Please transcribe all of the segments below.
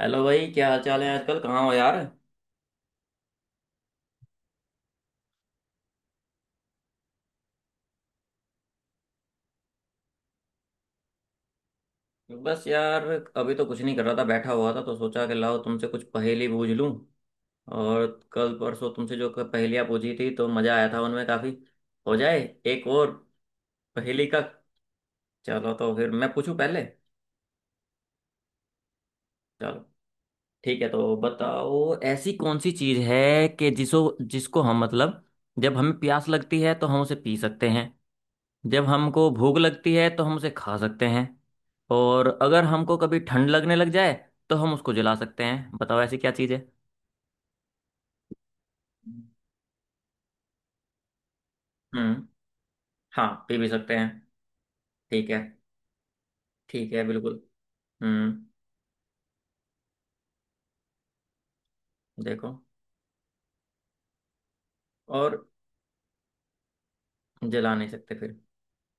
Hello भाई, क्या हाल चाल है आजकल? कहाँ हो यार? बस यार, अभी तो कुछ नहीं कर रहा था, बैठा हुआ था, तो सोचा कि लाओ तुमसे कुछ पहेली बूझ लूं। और कल परसों तुमसे जो पहेलियाँ पूछी थी तो मज़ा आया था उनमें काफ़ी। हो जाए एक और पहेली का। चलो, तो फिर मैं पूछूं पहले। चलो ठीक है, तो बताओ ऐसी कौन सी चीज़ है कि जिसो जिसको हम मतलब, जब हमें प्यास लगती है तो हम उसे पी सकते हैं। जब हमको भूख लगती है तो हम उसे खा सकते हैं। और अगर हमको कभी ठंड लगने लग जाए तो हम उसको जला सकते हैं। बताओ ऐसी क्या चीज़ है। हम्म। हाँ, पी भी सकते हैं। ठीक है। ठीक है, बिल्कुल। हम्म। देखो, और जला नहीं सकते फिर।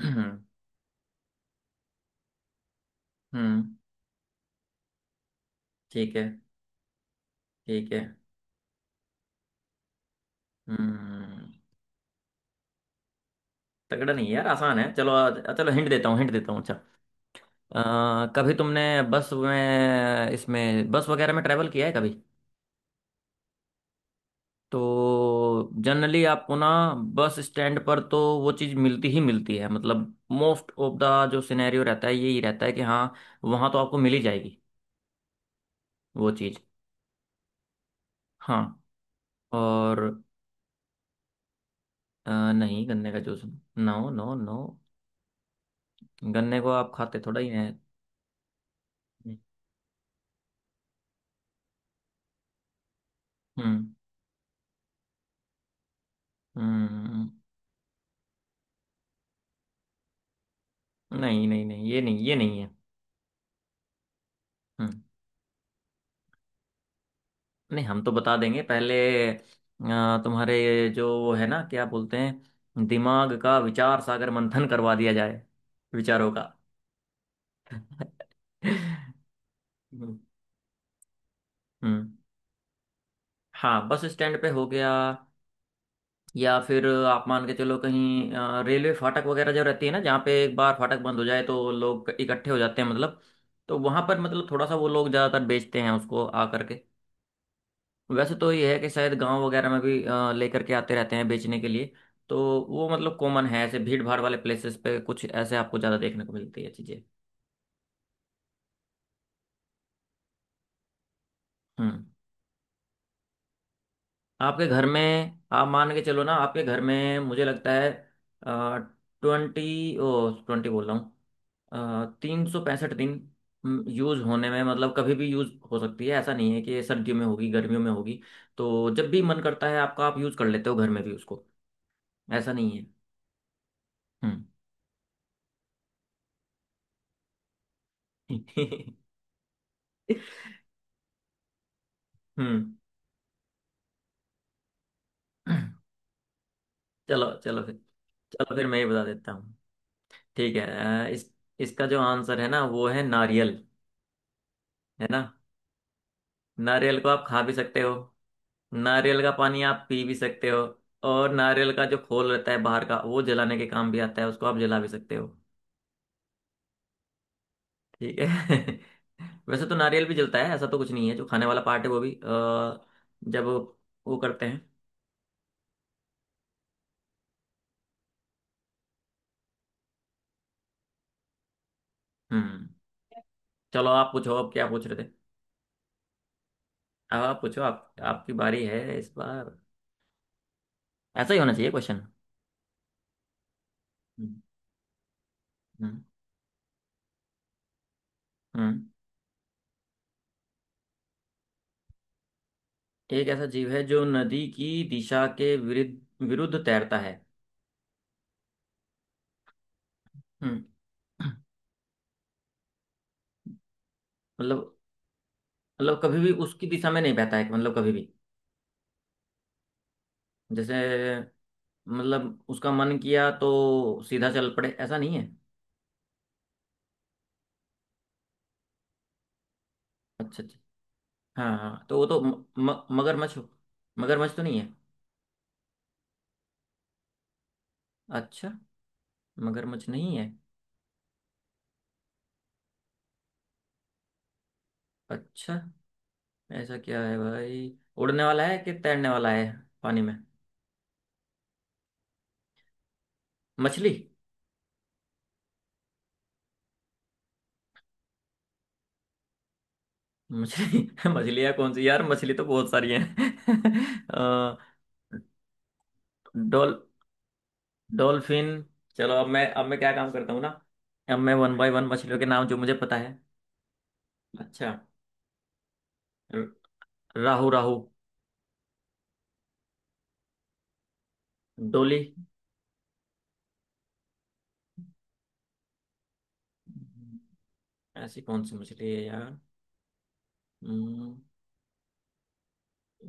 हम्म। हम्म, ठीक है। ठीक है। हम्म। तगड़ा नहीं है यार, आसान है। चलो चलो, हिंट देता हूँ हिंट देता हूँ। अच्छा। कभी तुमने बस में, इसमें बस वगैरह में ट्रेवल किया है कभी? तो जनरली आपको ना, बस स्टैंड पर तो वो चीज़ मिलती ही मिलती है, मतलब मोस्ट ऑफ द जो सिनेरियो रहता है यही रहता है कि हाँ, वहाँ तो आपको मिल ही जाएगी वो चीज़। हाँ। और अ, नहीं, गन्ने का जूस। नो नो नो, गन्ने को आप खाते थोड़ा ही हैं। हम्म। हम्म। हम्म, हम्म, हम्म। नहीं नहीं नहीं, ये नहीं, ये नहीं है। हम्म। नहीं, हम तो बता देंगे पहले। अ, तुम्हारे जो वो है ना, क्या बोलते हैं, दिमाग का विचार सागर मंथन करवा दिया जाए, विचारों का। हम्म। हम्म। हाँ, बस स्टैंड पे हो गया। या फिर आप मान के चलो कहीं रेलवे फाटक वगैरह जो रहती है ना, जहाँ पे एक बार फाटक बंद हो जाए तो लोग इकट्ठे हो जाते हैं, मतलब तो वहां पर मतलब थोड़ा सा, वो लोग ज्यादातर बेचते हैं उसको आ करके। वैसे तो ये है कि शायद गांव वगैरह में भी लेकर के आते रहते हैं बेचने के लिए। तो वो मतलब कॉमन है ऐसे भीड़ भाड़ वाले प्लेसेस पे, कुछ ऐसे आपको ज़्यादा देखने को मिलती है चीज़ें। हम्म। आपके घर में आप मान के चलो ना, आपके घर में मुझे लगता है, 2020 बोल रहा हूँ, 365 दिन यूज़ होने में, मतलब कभी भी यूज़ हो सकती है, ऐसा नहीं है कि ये सर्दियों में होगी गर्मियों में होगी। तो जब भी मन करता है आपका, आप यूज़ कर लेते हो घर में भी उसको। ऐसा नहीं है। हम्म। हम्म। चलो चलो फिर। चलो, फिर मैं ही बता देता हूँ। ठीक है। इस इसका जो आंसर है ना, वो है नारियल। है ना? नारियल को आप खा भी सकते हो। नारियल का पानी आप पी भी सकते हो। और नारियल का जो खोल रहता है बाहर का, वो जलाने के काम भी आता है, उसको आप जला भी सकते हो। ठीक है। वैसे तो नारियल भी जलता है, ऐसा तो कुछ नहीं है, जो खाने वाला पार्ट है वो भी जब वो करते हैं। हम्म। चलो आप पूछो, अब क्या पूछ रहे थे? अब आप पूछो, आप आपकी बारी है इस बार। ऐसा ही होना चाहिए क्वेश्चन। हम्म। हम्म। एक ऐसा जीव है जो नदी की दिशा के विरुद्ध विरुद्ध तैरता है? हम्म। मतलब, कभी भी उसकी दिशा में नहीं बहता है, मतलब कभी भी? जैसे, मतलब उसका मन किया तो सीधा चल पड़े, ऐसा नहीं है? अच्छा अच्छा। हाँ हाँ, तो वो तो म, म, मगरमच्छ? मगरमच्छ तो नहीं है? अच्छा। मगरमच्छ नहीं है। अच्छा। ऐसा क्या है भाई? उड़ने वाला है कि तैरने वाला है पानी में? मछली? मछली मछलियाँ कौन सी यार, मछली तो बहुत सारी हैं। अ, डॉल डॉल्फिन? चलो, अब मैं, क्या काम करता हूँ ना, अब मैं वन बाय वन मछलियों के नाम जो मुझे पता है। अच्छा। र- राहु राहु? डोली? हम्म, ऐसी कौन सी मछली है यार? हम्म,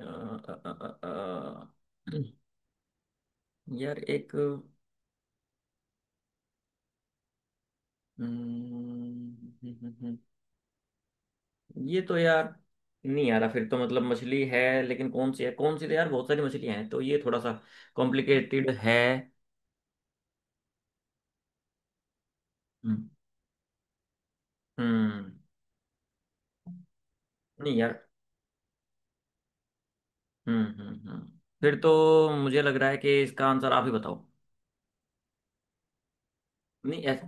अ, अ, अ, अ, अ, यार एक, हम्म, ये तो यार, नहीं आ रहा। फिर तो मतलब मछली है, लेकिन कौन सी है, कौन सी, तो यार बहुत सारी मछलियां हैं, तो ये थोड़ा सा कॉम्प्लिकेटेड है। हम्म। हम्म। नहीं यार। हम्म। फिर तो मुझे लग रहा है कि इसका आंसर आप ही बताओ। नहीं, एस?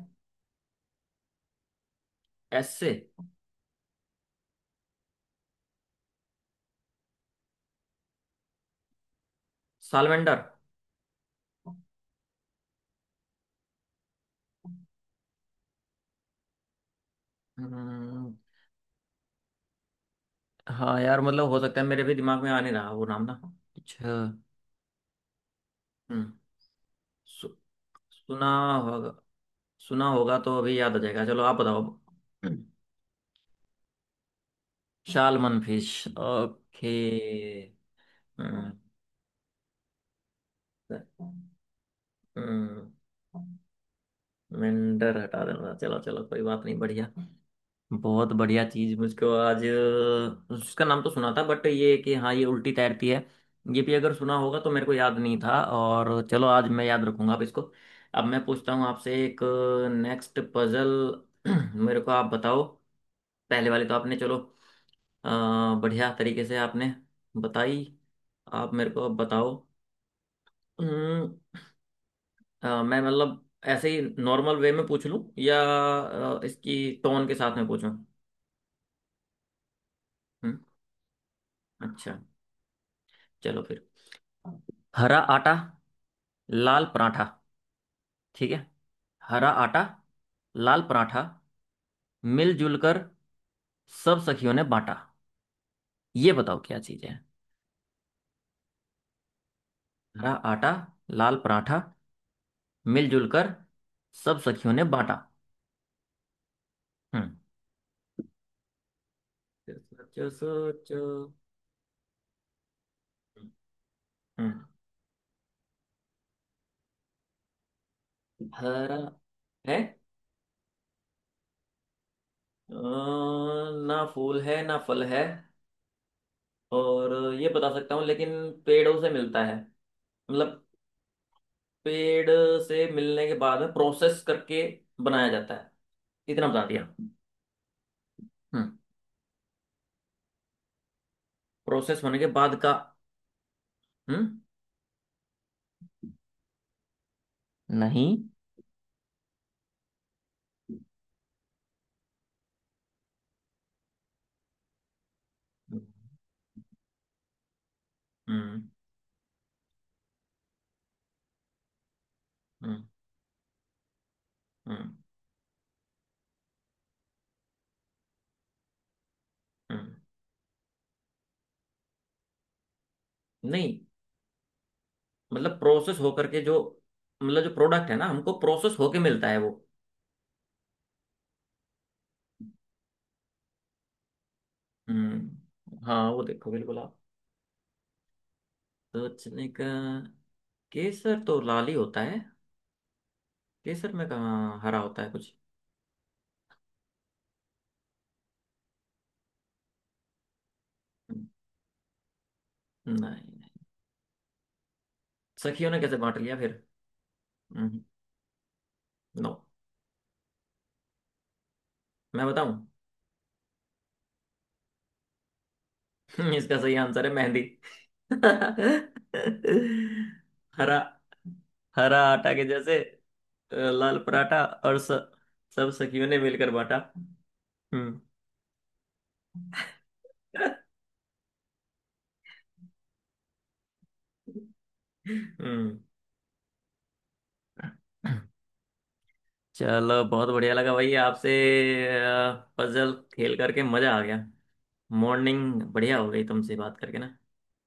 एस से? सालमेंडर? हम्म। हाँ यार, मतलब हो सकता है, मेरे भी दिमाग में आ नहीं रहा वो नाम ना। अच्छा। हम्म। सु, सुना होगा। सुना होगा तो अभी याद आ जाएगा। चलो, आप बताओ अब। Salmon fish? ओके। हम्म। हम्म, मेंढर हटा देना, चलो चलो कोई बात नहीं, बढ़िया। बहुत बढ़िया चीज मुझको आज, उसका नाम तो सुना था, बट ये कि हाँ ये उल्टी तैरती है, ये भी अगर सुना होगा तो मेरे को याद नहीं था, और चलो आज मैं याद रखूंगा अब इसको। अब मैं पूछता हूँ आपसे एक नेक्स्ट पजल। मेरे को आप बताओ। पहले वाले तो आपने, चलो, अ, बढ़िया तरीके से आपने बताई। आप मेरे को अब बताओ। अम्म, मैं मतलब, ऐसे ही नॉर्मल वे में पूछ लूं, या इसकी टोन के साथ में पूछूं? हम्म। अच्छा। चलो फिर। हरा आटा, लाल पराठा। ठीक है। हरा आटा, लाल पराठा, मिलजुल कर सब सखियों ने बांटा। ये बताओ क्या चीज है। हरा आटा, लाल पराठा, मिलजुल कर सब सखियों ने बांटा। हम्म, सोचो सोचो सोचो। हम्म। हरा है। अ, ना फूल है ना फल है। और ये बता सकता हूँ, लेकिन पेड़ों से मिलता है, मतलब पेड़ से मिलने के बाद में प्रोसेस करके बनाया जाता है, इतना बता दिया। हम्म। प्रोसेस होने के बाद का। हम्म। नहीं। हम्म हम्म हम्म हम्म। नहीं। मतलब प्रोसेस होकर के जो, मतलब जो प्रोडक्ट है ना, हमको प्रोसेस होके मिलता है वो। हम्म, हाँ वो देखो, बिल्कुल आप सोचने का। केसर तो लाल ही होता है। केसर में कहाँ हरा होता है कुछ? हम्म। नहीं। नहीं, सखियों ने कैसे बांट लिया फिर? हम्म। नो। मैं बताऊं? इसका सही आंसर है मेहंदी। हरा, हरा आटा के जैसे, लाल पराठा, और सब सखियों ने मिलकर बांटा। हम्म। हम्म। चलो, बहुत बढ़िया लगा भाई आपसे पजल खेल करके, मजा आ गया। मॉर्निंग बढ़िया हो गई तुमसे बात करके ना।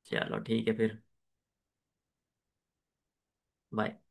चलो ठीक है फिर। बाय।